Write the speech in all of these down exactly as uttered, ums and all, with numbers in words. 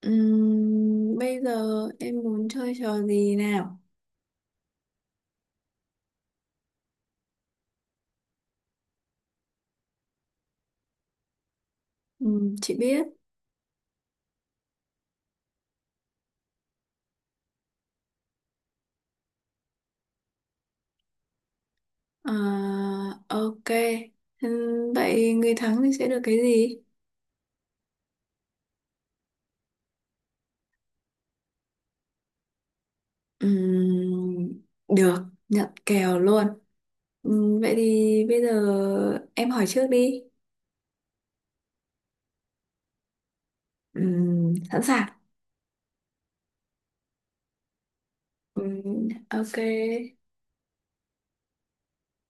Ừm, bây giờ em muốn chơi trò gì nào? Ừm, chị biết. À, ok. Ừm, vậy người thắng thì sẽ được cái gì? Ừm, được, nhận kèo luôn. Ừm, vậy thì bây giờ em hỏi trước đi. Ừm, sẵn sàng. Ừm, ok,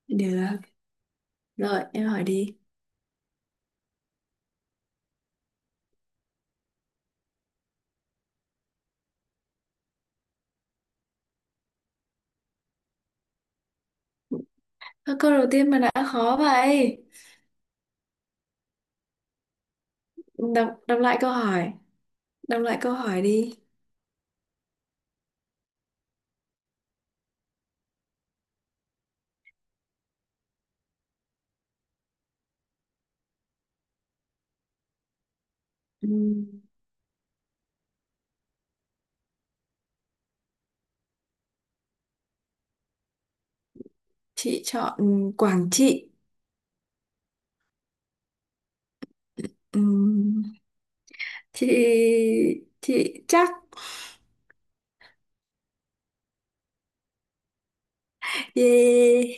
được. Rồi, em hỏi đi. Ơ, câu đầu tiên mà đã khó vậy. Đọc, đọc lại câu hỏi. Đọc lại câu hỏi đi. Ừm, chị chọn Quảng Trị. Ừm, chị chị chắc. Yeah,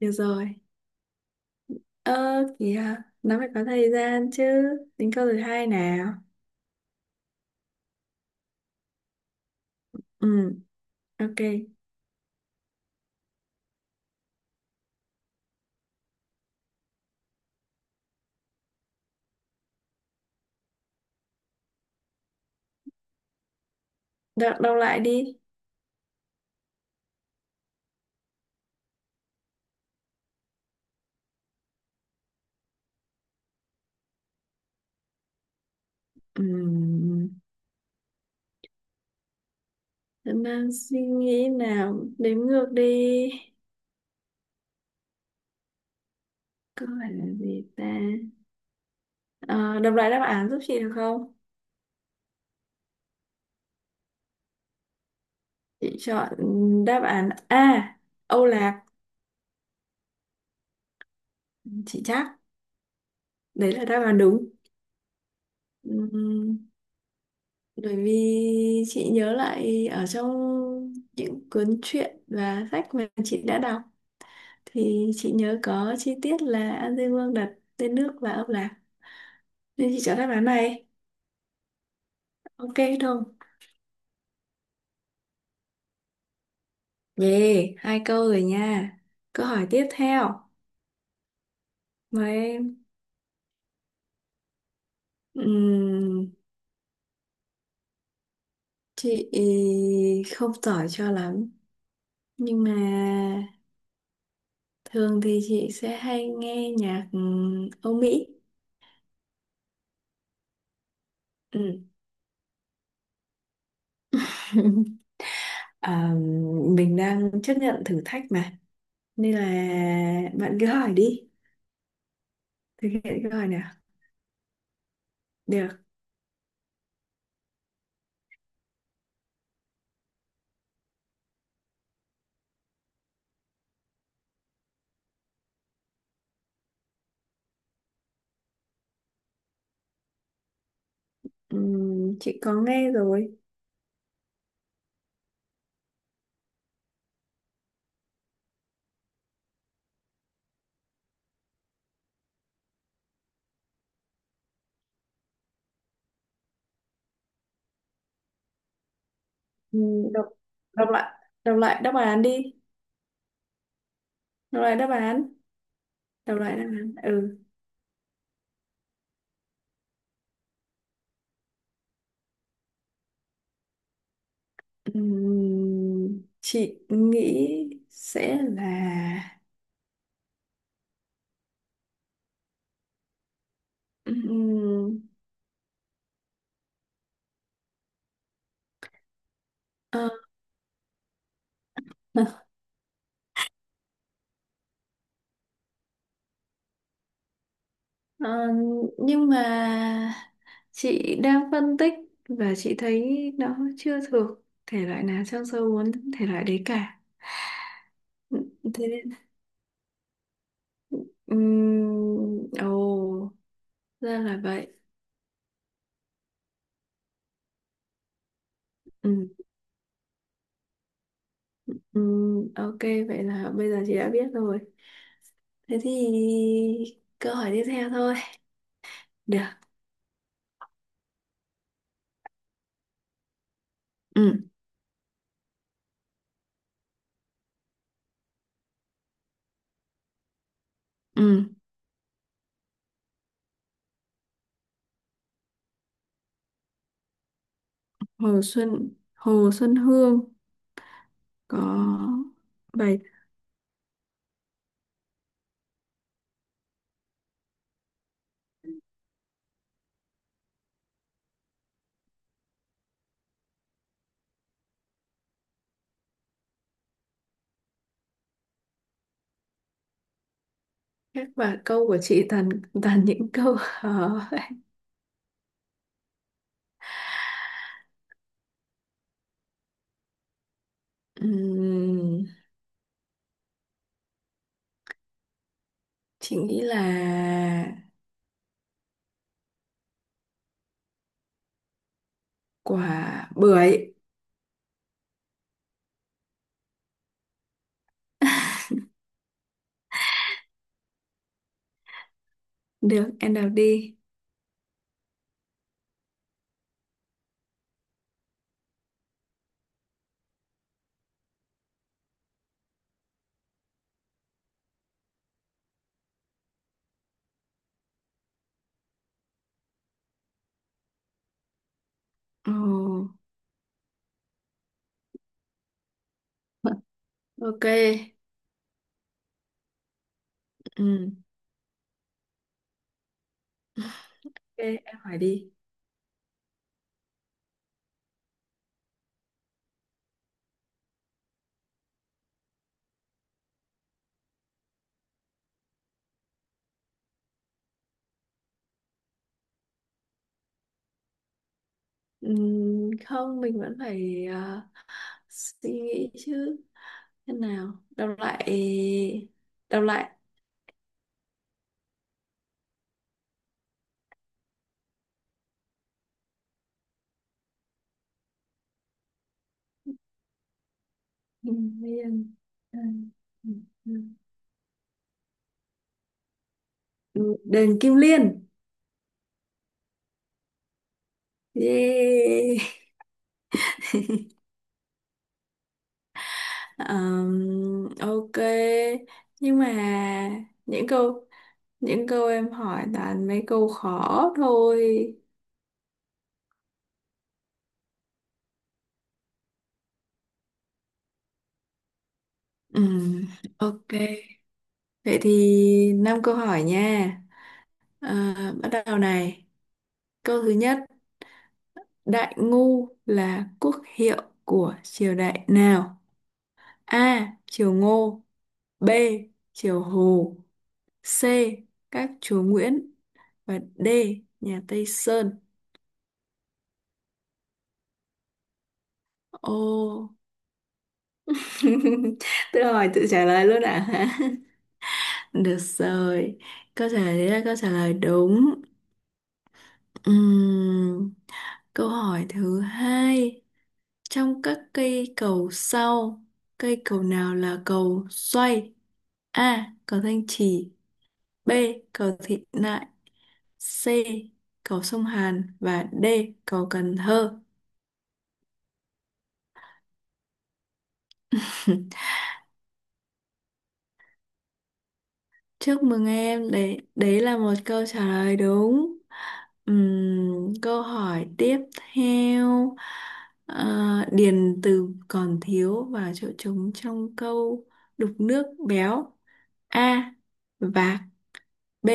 được rồi. Ơ kìa, nó phải có thời gian chứ. Tính câu thứ hai nào. Ừm, ok. Đọc đọc lại đi. Ừm, đang suy nghĩ nào, đếm ngược đi. Câu hỏi là gì ta? Ờ, đọc lại đáp án giúp chị được không? Chị chọn đáp án A, Âu Lạc. Chị chắc đấy là đáp án đúng. Ừ, bởi vì chị nhớ lại ở trong những cuốn truyện và sách mà chị đã đọc, thì chị nhớ có chi tiết là An Dương Vương đặt tên nước và ông Lạc, nên chị chọn đáp án này. Ok không? Yeah, hai câu rồi nha. Câu hỏi tiếp theo mà em... Ừm, chị không giỏi cho lắm, nhưng mà thường thì chị sẽ hay nghe nhạc ừm, Âu Mỹ. Ừ. À, mình đang chấp nhận thử thách mà, nên là bạn cứ hỏi đi. Thực hiện câu hỏi nào. Được. Ừm, chị có nghe rồi. Ừm, đọc đọc lại. Đọc lại đáp án đi. Đọc lại đáp án. Đọc lại đáp án. Ừ. Ừm, chị nghĩ sẽ là... Ừm, ờ, ờ, ờ, nhưng mà chị đang phân tích và chị thấy nó chưa thuộc thể loại nào trong số bốn thể loại đấy cả. Thế nên ừm, ồ, ra là vậy. Ừm, ừm, ok, vậy là bây giờ chị đã biết rồi. Thế thì câu hỏi tiếp theo thôi. Được. Ừm, ừm. Hồ Xuân Hồ Xuân Hương có bài... Các và câu của chị toàn toàn những câu khó. Ừm, chị nghĩ là quả bưởi. Được, em đọc đi. Ồ. Ok. Ừm, ok, em hỏi đi. Ừm, không, mình vẫn phải à, suy nghĩ chứ. Thế nào, đọc lại. Đọc lại. Kim Liên. Đơn. Ừ, Đền Kim Liên. Yeah. Ờm, ok, nhưng mà những câu những câu em hỏi toàn mấy câu khó thôi. Ừm, ok, vậy thì năm câu hỏi nha. À, bắt đầu này. Câu thứ nhất, Đại Ngô là quốc hiệu của triều đại nào? A. Triều Ngô. B. Triều Hồ. C. Các chúa Nguyễn. Và D. Nhà Tây Sơn. Ô. Tự hỏi tự trả lời luôn à? Được rồi. Câu trả lời đấy là câu trả lời đúng. Ừm, câu hỏi thứ hai. Trong các cây cầu sau, cây cầu nào là cầu xoay? A. Cầu Thanh Trì. B. Cầu Thị Nại. C. Cầu Sông Hàn. Và D. Cầu Cần Thơ. Chúc mừng em, đấy, đấy là một câu trả lời đúng. Ừm, câu hỏi tiếp theo. Ờ, điền từ còn thiếu vào chỗ trống trong câu đục nước béo. A. Vạc. B.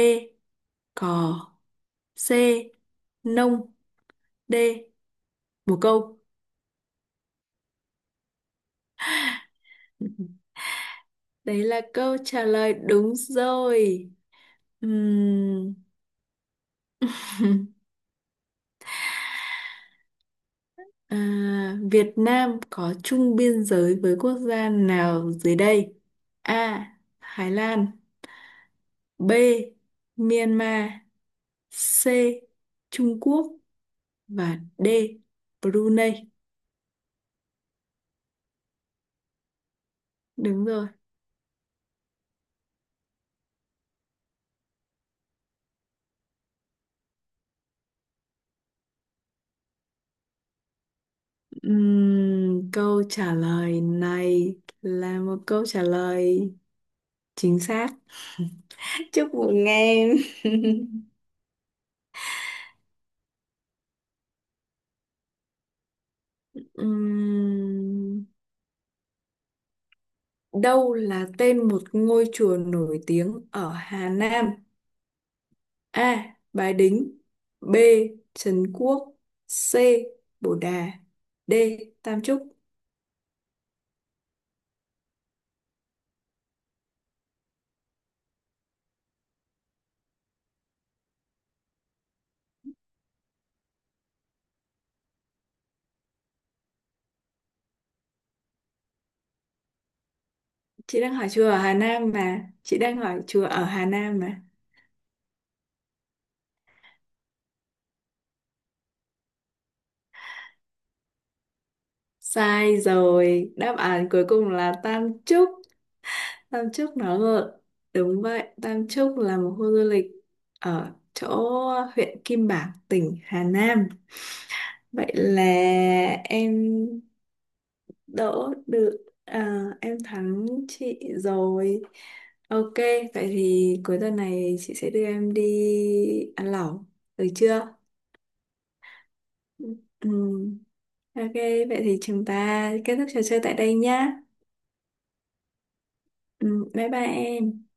Cò. C. Nông. D. Bồ câu. Đấy là câu trả lời đúng rồi. Ừm, À, Việt Nam có chung biên giới với quốc gia nào dưới đây? A. Thái Lan. B. Myanmar. C. Trung Quốc. Và D. Brunei. Đúng rồi. Ừm, Câu trả lời này là một câu trả lời chính xác. Chúc mừng em. Ừm, Đâu là tên một ngôi chùa nổi tiếng ở Hà Nam? A. Bái Đính. B. Trấn Quốc. C. Bồ Đà. D. Tam Chúc. Chị đang hỏi chùa ở Hà Nam mà. Chị đang hỏi chùa ở Hà Nam mà. Sai rồi. Đáp án cuối cùng là Tam Chúc. Tam Chúc nó ngược. Đúng vậy, Tam Chúc là một khu du lịch ở chỗ huyện Kim Bảng, tỉnh Hà Nam. Vậy là em đỡ được. À, em thắng chị rồi. Ok, vậy thì cuối tuần này chị sẽ đưa em đi ăn lẩu, được chưa? Ừ. Ok. Vậy thì chúng ta kết thúc trò chơi tại đây nhá. Ừ, bye bye em.